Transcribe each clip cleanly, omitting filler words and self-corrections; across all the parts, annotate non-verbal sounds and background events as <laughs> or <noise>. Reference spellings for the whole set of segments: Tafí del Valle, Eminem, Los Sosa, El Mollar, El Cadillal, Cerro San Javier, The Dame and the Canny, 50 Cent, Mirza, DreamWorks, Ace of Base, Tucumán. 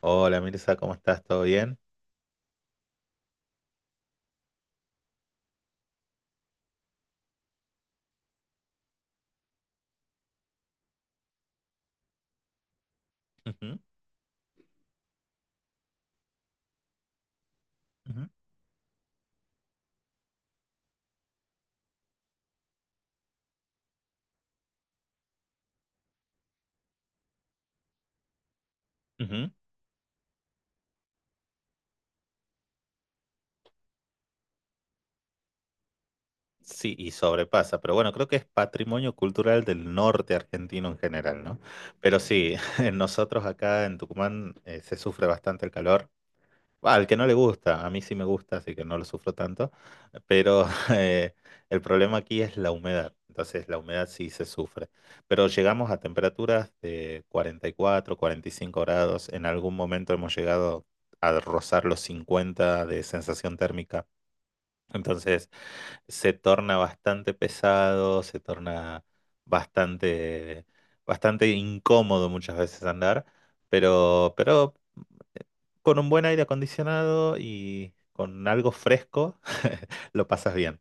Hola Mirza, ¿cómo estás? ¿Todo bien? Ujú, ujú, ujú. Sí, y sobrepasa, pero bueno, creo que es patrimonio cultural del norte argentino en general, ¿no? Pero sí, <laughs> nosotros acá en Tucumán se sufre bastante el calor. Bah, al que no le gusta, a mí sí me gusta, así que no lo sufro tanto, pero <laughs> eh, el problema aquí es la humedad, entonces la humedad sí se sufre, pero llegamos a temperaturas de 40, 44, 45 grados, en algún momento hemos llegado a rozar los 50 de sensación térmica, entonces se torna bastante pesado, se torna bastante, bastante incómodo muchas veces andar. Pero con un buen aire acondicionado y con algo fresco, <laughs> lo pasas bien.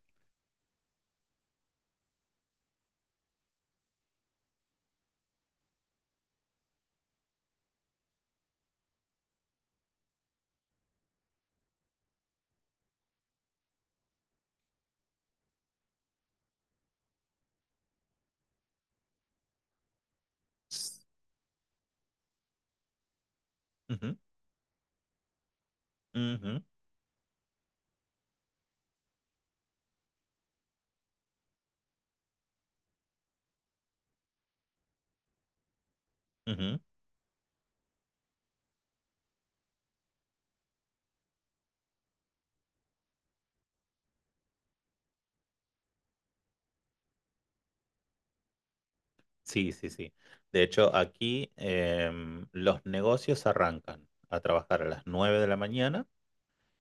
Ujú, ujú, ujú. Sí, sí, sí. De hecho, aquí los negocios arrancan a trabajar a las 9 de la mañana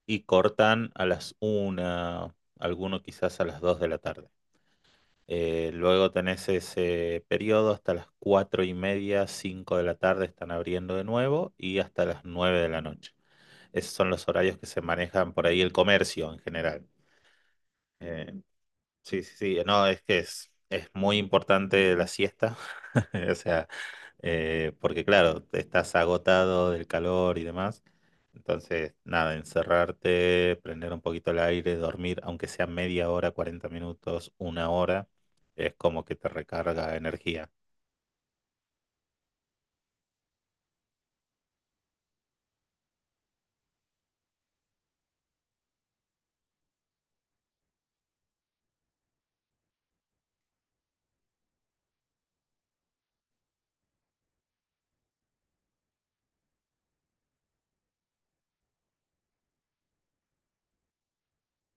y cortan a las una, alguno quizás a las 2 de la tarde. Luego tenés ese periodo hasta las 4 y media, 5 de la tarde están abriendo de nuevo y hasta las 9 de la noche. Esos son los horarios que se manejan por ahí el comercio en general. Eh, sí, sí, sí. No, es muy importante la siesta. <laughs> O sea, porque claro, estás agotado del calor y demás. Entonces, nada, encerrarte, prender un poquito el aire, dormir, aunque sea media hora, 40 minutos, una hora, es como que te recarga energía.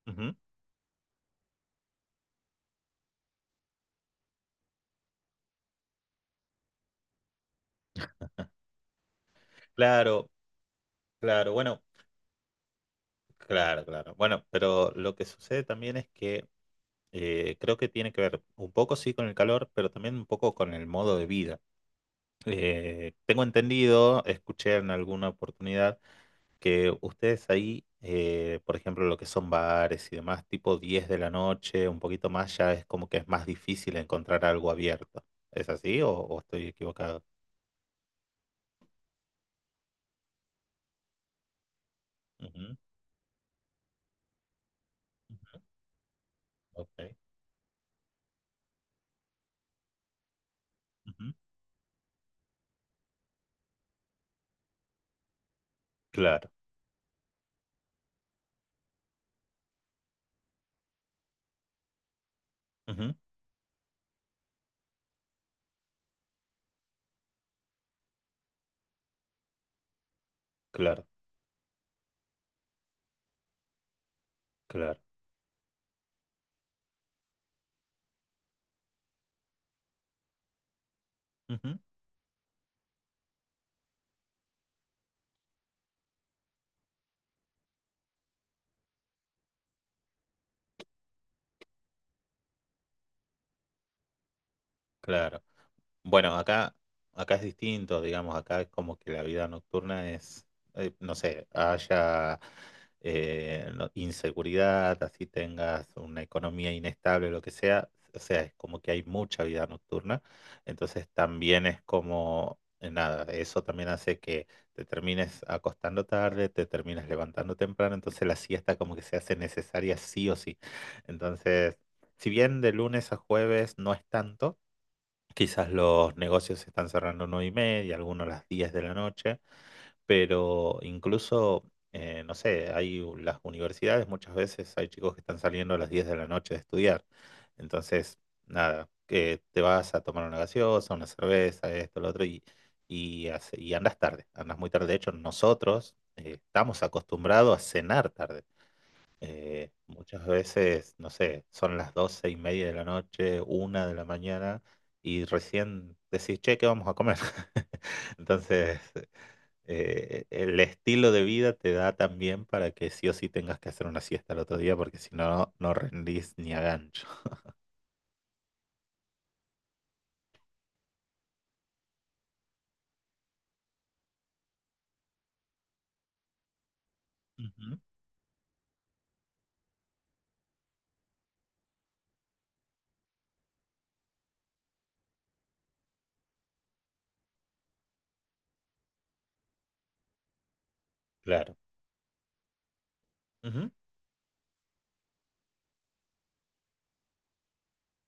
Ujú. Claro, claro, bueno, claro, claro. Bueno, pero lo que sucede también es que creo que tiene que ver un poco sí con el calor, pero también un poco con el modo de vida. Tengo entendido, escuché en alguna oportunidad que ustedes ahí, por ejemplo, lo que son bares y demás, tipo 10 de la noche, un poquito más, ya es como que es más difícil encontrar algo abierto. ¿Es así o estoy equivocado? Ujú, ujú, ok, ujú, claro, ujú, claro, claro, ujú, claro. Bueno, acá, acá es distinto, digamos, acá es como que la vida nocturna es, no sé, haya inseguridad, así tengas una economía inestable, lo que sea, o sea, es como que hay mucha vida nocturna, entonces también es como, nada, eso también hace que te termines acostando tarde, te termines levantando temprano, entonces la siesta como que se hace necesaria sí o sí. Entonces, si bien de lunes a jueves no es tanto, quizás los negocios se están cerrando nueve y media, algunos a las 10 de la noche, pero incluso, no sé, las universidades, muchas veces hay chicos que están saliendo a las 10 de la noche de estudiar. Entonces, nada, que te vas a tomar una gaseosa, una cerveza, esto, lo otro, y, y andas tarde, andas muy tarde. De hecho, nosotros estamos acostumbrados a cenar tarde. Muchas veces, no sé, son las doce y media de la noche, una de la mañana, y recién decís, che, ¿qué vamos a comer? <laughs> Entonces, el estilo de vida te da también para que sí o sí tengas que hacer una siesta al otro día, porque si no, no rendís ni a gancho. Ujú, claro. Ujú,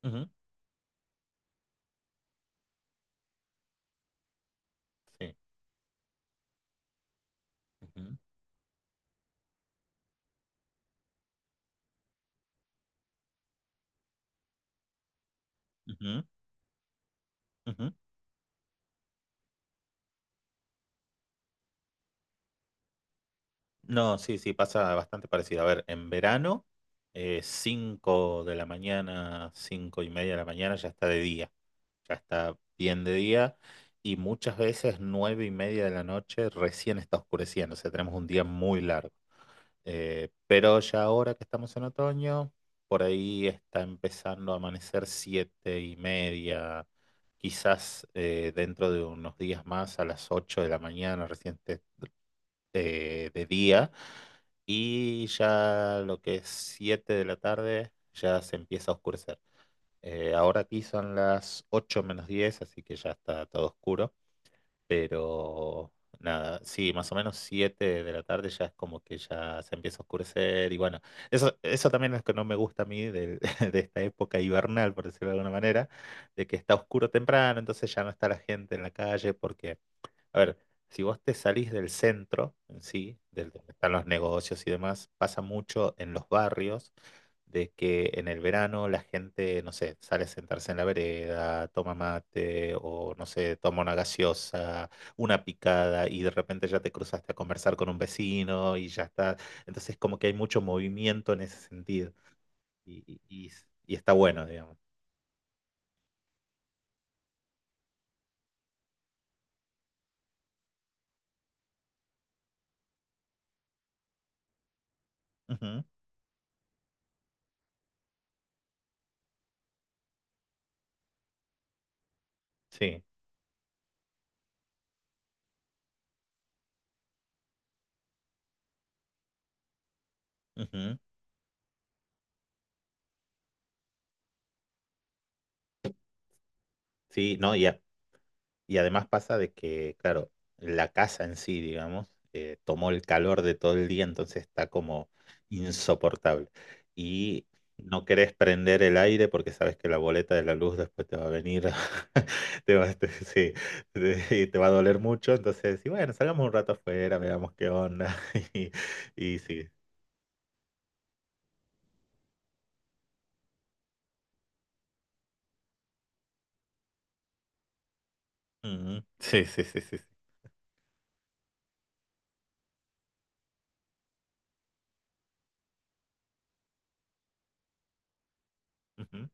ujú, sí. Ujú, ujú, ujú. No, sí, sí, pasa bastante parecido. A ver, en verano, 5 de la mañana, 5 y media de la mañana ya está de día, ya está bien de día y muchas veces 9 y media de la noche recién está oscureciendo, o sea, tenemos un día muy largo. Pero ya ahora que estamos en otoño, por ahí está empezando a amanecer 7 y media, quizás dentro de unos días más a las 8 de la mañana de día y ya lo que es 7 de la tarde ya se empieza a oscurecer. Ahora aquí son las 8 menos 10 así que ya está todo oscuro. Pero nada, sí, más o menos 7 de la tarde ya es como que ya se empieza a oscurecer. Y bueno, eso también es lo que no me gusta a mí <laughs> de, esta época hibernal, por decirlo de alguna manera, de que está oscuro temprano, entonces ya no está la gente en la calle porque a ver, si vos te salís del centro en sí, del donde están los negocios y demás, pasa mucho en los barrios de que en el verano la gente, no sé, sale a sentarse en la vereda, toma mate o no sé, toma una gaseosa, una picada y de repente ya te cruzaste a conversar con un vecino y ya está. Entonces como que hay mucho movimiento en ese sentido y, y- y está bueno, digamos. Ujú, sí, ujú, sí, no, ya. Y además pasa de que, claro, la casa en sí, digamos, tomó el calor de todo el día, entonces está como insoportable. Y no querés prender el aire porque sabes que la boleta de la luz después te va a venir, <laughs> sí, te, y te va a doler mucho. Entonces, sí, bueno, salgamos un rato afuera, veamos qué onda. <laughs> Y, y sí. Ujú. Sí, sí, sí, sí. Sí, ujú.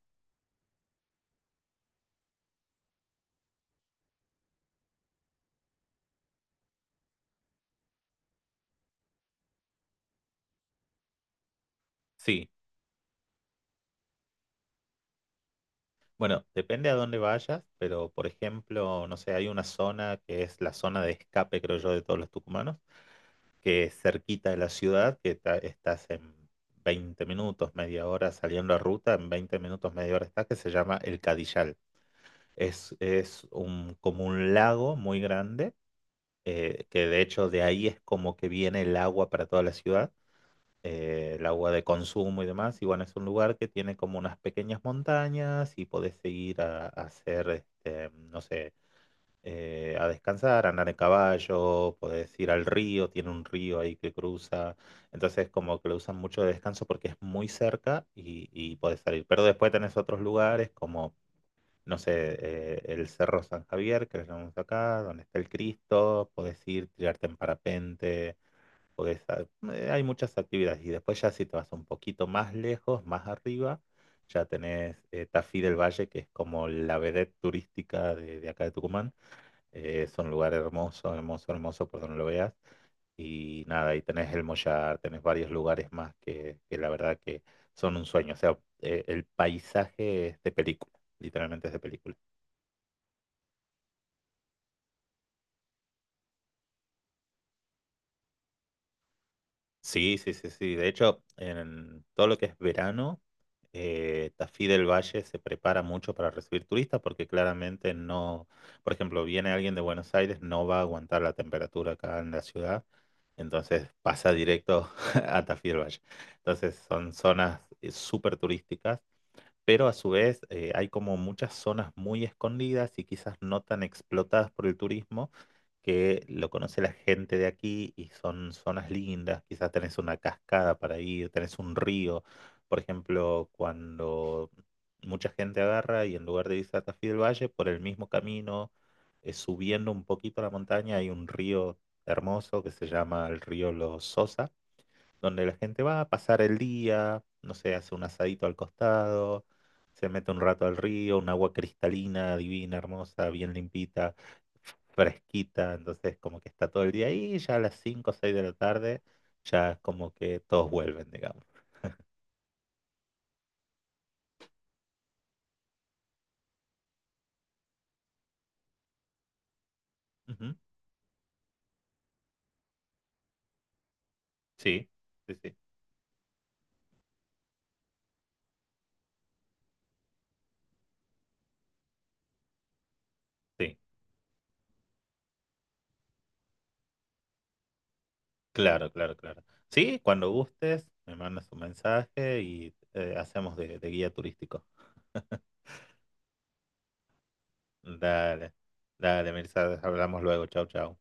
Sí, bueno, depende a dónde vayas, pero por ejemplo, no sé, hay una zona que es la zona de escape, creo yo, de todos los tucumanos, que es cerquita de la ciudad, que estás en 20 minutos, media hora saliendo a ruta, en 20 minutos, media hora estás, que se llama El Cadillal. Es un, como un lago muy grande, que de hecho de ahí es como que viene el agua para toda la ciudad el agua de consumo y demás. Y bueno, es un lugar que tiene como unas pequeñas montañas y podés seguir a hacer, este, no sé, a descansar, a andar en caballo, podés ir al río, tiene un río ahí que cruza. Entonces como que lo usan mucho de descanso porque es muy cerca y podés salir. Pero después tenés otros lugares como... No sé, el Cerro San Javier, que lo llamamos acá, donde está el Cristo, podés ir, tirarte en parapente, porque sa- hay muchas actividades. Y después ya si te vas un poquito más lejos, más arriba, ya tenés Tafí del Valle, que es como la vedette turística de acá de Tucumán. Es un lugar hermoso, hermoso, hermoso, por donde lo veas. Y nada, ahí tenés El Mollar, tenés varios lugares más que la verdad que son un sueño. O sea, el paisaje es de película, literalmente es de película. Sí, sí, sí, sí. De hecho, en todo lo que es verano, Tafí del Valle se prepara mucho para recibir turistas porque claramente no, por ejemplo, viene alguien de Buenos Aires, no va a aguantar la temperatura acá en la ciudad, entonces pasa directo <laughs> a Tafí del Valle. Entonces son zonas súper turísticas pero a su vez hay como muchas zonas muy escondidas y quizás no tan explotadas por el turismo que lo conoce la gente de aquí y son zonas lindas, quizás tenés una cascada para ir, tenés un río, por ejemplo, cuando mucha gente agarra y en lugar de irse a Tafí del Valle, por el mismo camino, subiendo un poquito la montaña, hay un río hermoso que se llama el río Los Sosa donde la gente va a pasar el día, no sé, hace un asadito al costado, se mete un rato al río, un agua cristalina, divina, hermosa, bien limpita, fresquita, entonces como que está todo el día ahí, y ya a las 5 o 6 de la tarde, ya es como que todos vuelven, digamos. Ujú. Sí, sí, sí, sí, claro, claro, claro. Sí, cuando gustes, me mandas un mensaje y hacemos de guía turístico. Dale, dale, Mirza, hablamos luego, chau, chau.